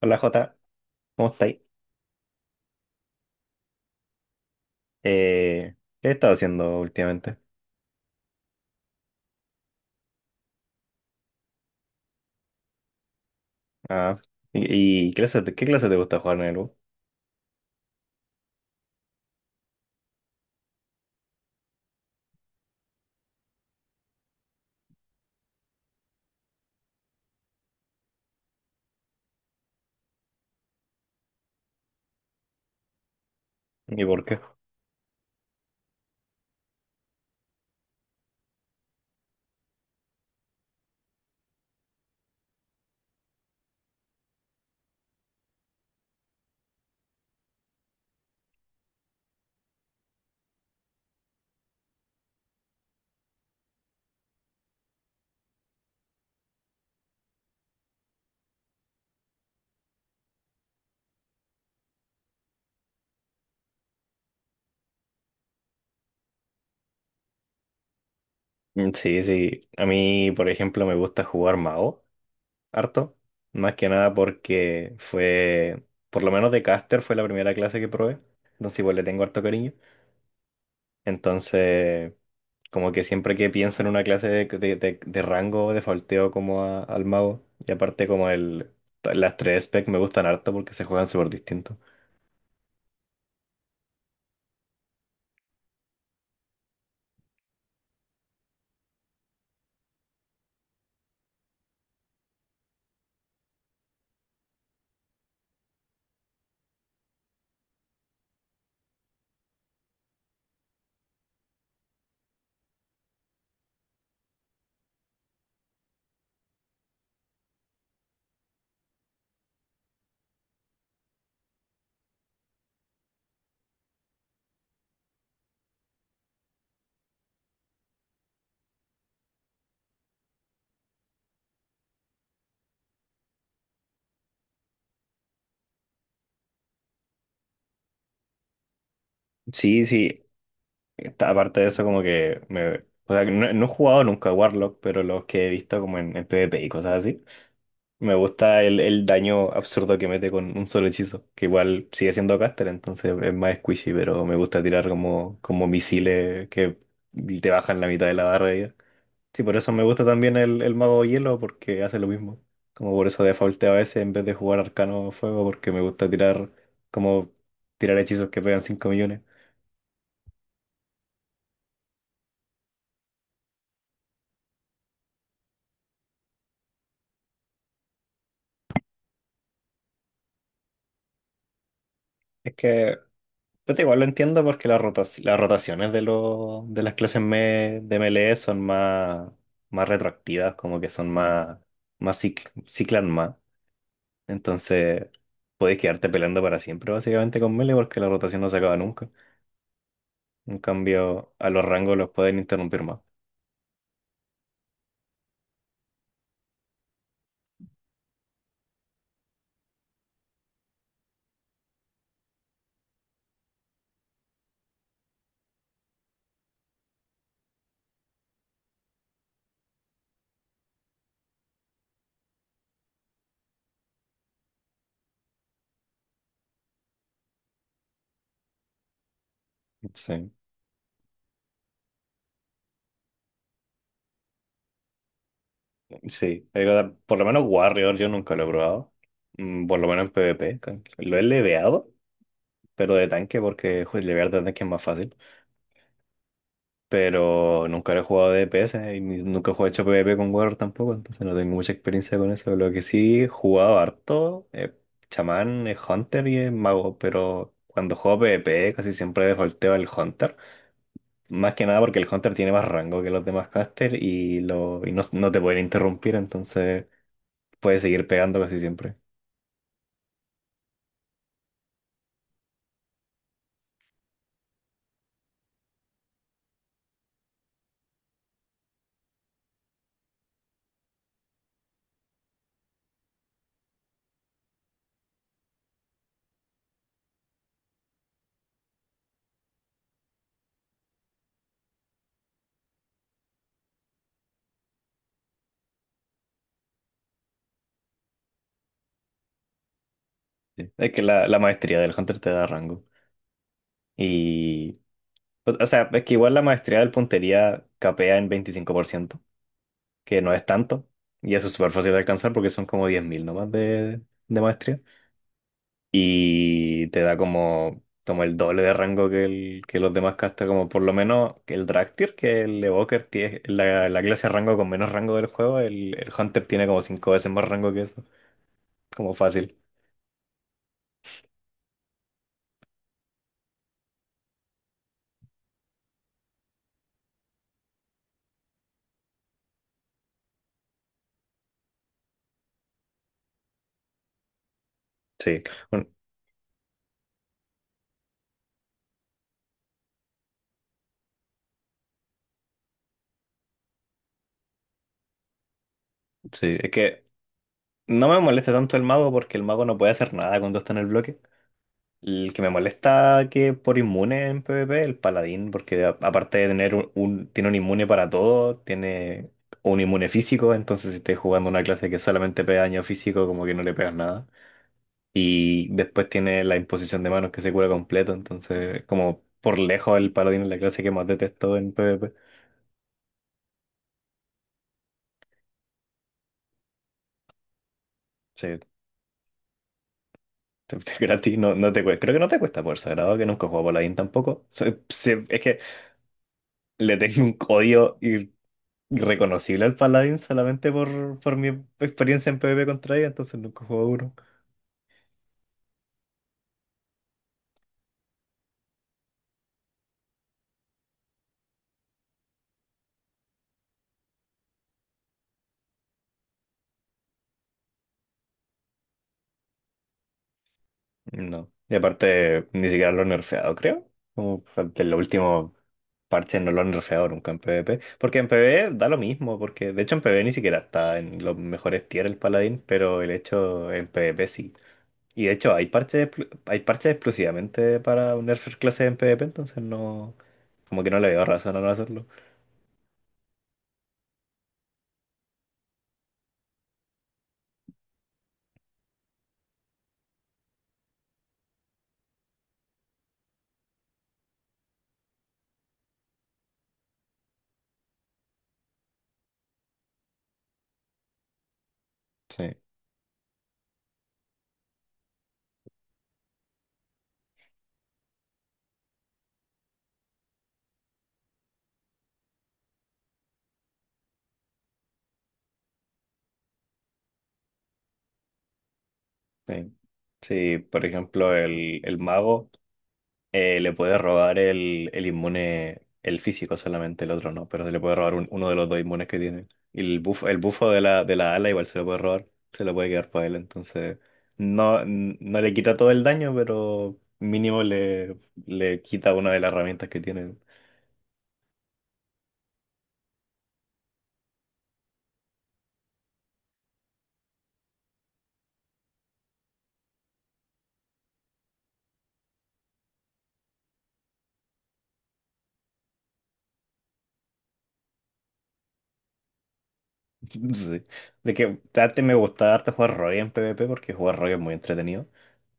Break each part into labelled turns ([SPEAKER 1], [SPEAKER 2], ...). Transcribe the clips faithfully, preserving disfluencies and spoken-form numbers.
[SPEAKER 1] Hola Jota, ¿cómo estáis? Eh, ¿qué he estado haciendo últimamente? Ah, ¿y, y qué clase, qué clase te gusta jugar en el U? ¿Y por qué? Mm, sí, sí, a mí, por ejemplo, me gusta jugar mago, harto, más que nada porque fue, por lo menos de caster fue la primera clase que probé, entonces igual le tengo harto cariño, entonces como que siempre que pienso en una clase de, de, de, de rango, de falteo como a- al mago, y aparte como el, las tres specs me gustan harto porque se juegan súper distintos. Sí, sí. Está- Aparte de eso, como que me. O sea, no, no he jugado nunca a Warlock, pero los que he visto como en, en PvP y cosas así. Me gusta el, el daño absurdo que mete con un solo hechizo. Que igual sigue siendo caster, entonces es más squishy, pero me gusta tirar como, como misiles que te bajan la mitad de la barra de vida. Sí, por eso me gusta también el, el mago hielo, porque hace lo mismo. Como por eso defaulteo a veces en vez de jugar arcano fuego, porque me gusta tirar como tirar hechizos que pegan cinco millones. Es que Pero igual lo entiendo porque las rotaci- las rotaciones de, los de las clases me- de M L E son más, más retroactivas, como que son más, más cic- ciclan más. Entonces, puedes quedarte peleando para siempre básicamente con Melee porque la rotación no se acaba nunca. En cambio, a los rangos los pueden interrumpir más. Sí, sí. Digo, por lo menos Warrior yo nunca lo he probado. Mm, por lo menos en PvP. Lo he leveado, pero de tanque porque joder, levear de tanque es más fácil. Pero nunca lo he jugado de D P S y ni- nunca he hecho PvP con Warrior tampoco, entonces no tengo mucha experiencia con eso. Lo que sí he jugado harto es chamán, es hunter y es mago, pero cuando juego PvP casi siempre defaulteo al hunter. Más que nada porque el hunter tiene más rango que los demás caster y, lo, y no, no te pueden interrumpir, entonces puedes seguir pegando casi siempre. Sí. Es que la, la maestría del hunter te da rango. Y, o o sea, es que igual la maestría del puntería capea en veinticinco por ciento que no es tanto, y eso es súper fácil de alcanzar porque son como diez mil nomás de, de maestría, y te da como, como el doble de rango que, el, que los demás castas, como por lo menos que el Draktyr, que el Evoker tiene la, la clase de rango con menos rango del juego, el, el Hunter tiene como cinco veces más rango que eso, como fácil, sí. Bueno, sí, es que no me molesta tanto el mago porque el mago no puede hacer nada cuando está en el bloque. El que me molesta que por inmune en PvP, el paladín, porque a- aparte de tener un, un- tiene un inmune para todo, tiene un inmune físico, entonces si estás jugando una clase que solamente pega daño físico, como que no le pegas nada. Y después tiene la imposición de manos que se cura completo, entonces como por lejos el paladín es la clase que más detesto en PvP. Sí, te- te- gratis, no, no te cuesta, creo que no te cuesta por sagrado, que nunca he jugado paladín tampoco. So- se- es que le tengo un odio reconocible al paladín solamente por, por mi experiencia en PvP contra ella, entonces nunca jugué duro. No. Y aparte, ni siquiera lo han nerfeado, creo. Como de los últimos parches no lo han nerfeado nunca en PvP. Porque en PvP da lo mismo, porque de hecho en PvP ni siquiera está en los mejores tier el paladín, pero el hecho en PvP sí. Y de hecho hay parches, explu- hay parches exclusivamente para un nerfer clase en PvP, entonces no, como que no le veo razón a no hacerlo. Sí, sí. Sí, por ejemplo, el, el mago. Eh, le puede robar el, el inmune, el físico solamente, el otro no, pero se le puede robar un- uno de los dos inmunes que tiene. Y el bufo, el bufo de la, de la ala igual se lo puede robar, se lo puede quedar para él, entonces no, n- no le quita todo el daño, pero mínimo le, le quita una de las herramientas que tiene. Sí. De que antes me gustaba harto jugar Rogue en PvP porque jugar Rogue es muy entretenido,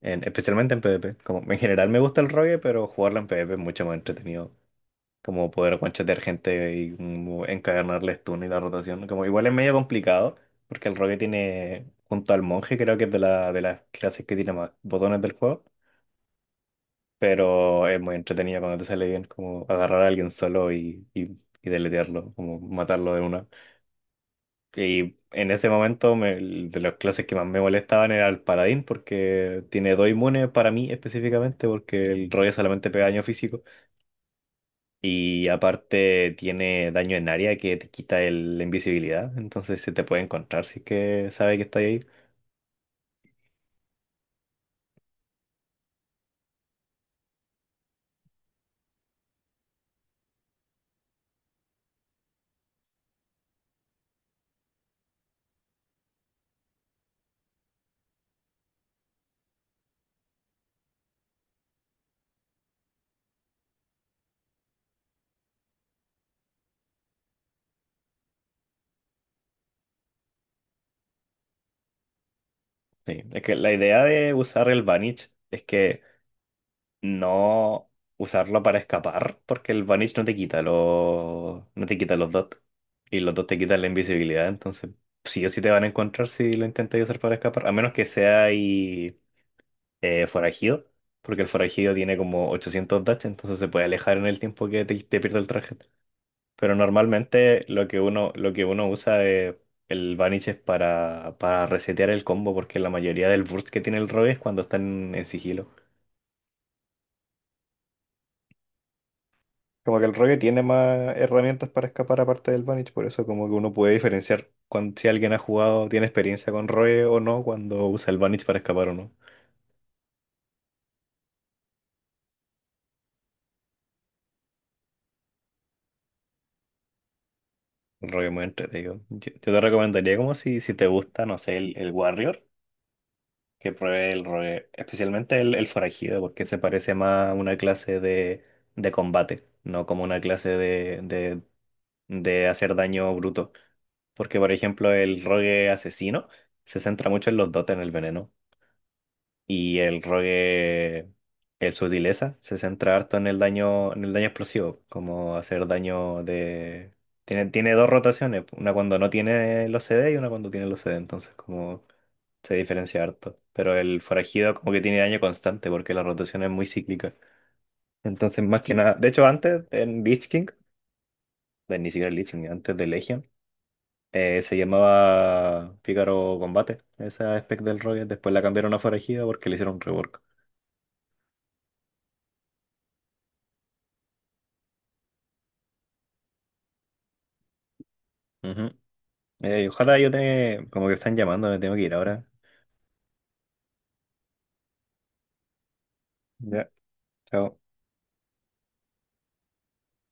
[SPEAKER 1] en- especialmente en PvP. Como, en general me gusta el Rogue, pero jugarla en PvP es mucho más entretenido. Como poder guanchetear gente y como encadenarles turno y la rotación. Como igual es medio complicado, porque el rogue tiene, junto al monje, creo que es de la, de las clases que tiene más botones del juego, pero es muy entretenido cuando te sale bien, como agarrar a alguien solo y, y, y deletearlo, como matarlo de una. Y en ese momento, me- de las clases que más me molestaban era el paladín, porque tiene dos inmunes para mí específicamente, porque el rogue solamente pega daño físico. Y aparte tiene daño en área que te quita el- la invisibilidad, entonces se te puede encontrar si es que sabe que está ahí. Sí, es que la idea de usar el Vanish es que no usarlo para escapar, porque el Vanish no te quita los, no te quita los dots y los dots te quitan la invisibilidad, entonces sí o sí te van a encontrar si lo intentas usar para escapar, a menos que sea ahí eh, forajido, porque el forajido tiene como ochocientos dash, entonces se puede alejar en el tiempo que te, te pierde el traje. Pero normalmente lo que uno, lo que uno usa es el Vanish es para, para resetear el combo, porque la mayoría del burst que tiene el Rogue es cuando están en sigilo. Como que el Rogue tiene más herramientas para escapar aparte del Vanish, por eso como que uno puede diferenciar cuan- si alguien ha jugado, tiene experiencia con Rogue o no, cuando usa el Vanish para escapar o no. El Rogue es muy entretenido. Yo, yo te recomendaría como si, si te gusta, no sé, el, el Warrior. Que pruebe el rogue, especialmente el, el forajido, porque se parece más a una clase de, de combate, no como una clase de, de, de hacer daño bruto. Porque, por ejemplo, el rogue asesino se centra mucho en los dotes, en el veneno, y el rogue, el sutileza, se centra harto en el daño, en el daño explosivo, como hacer daño de... Tiene, tiene dos rotaciones, una cuando no tiene los C D y una cuando tiene los C D, entonces como se diferencia harto. Pero el forajido como que tiene daño constante porque la rotación es muy cíclica. Entonces, más que nada, de hecho, antes en Lich King, eh, ni siquiera Lich King, antes de Legion, eh, se llamaba Pícaro Combate, esa spec del Rocket. Después la cambiaron a forajido porque le hicieron un rework. Ujú. Eh, ojalá yo te... como que están llamando, me tengo que ir ahora. Ya, chao.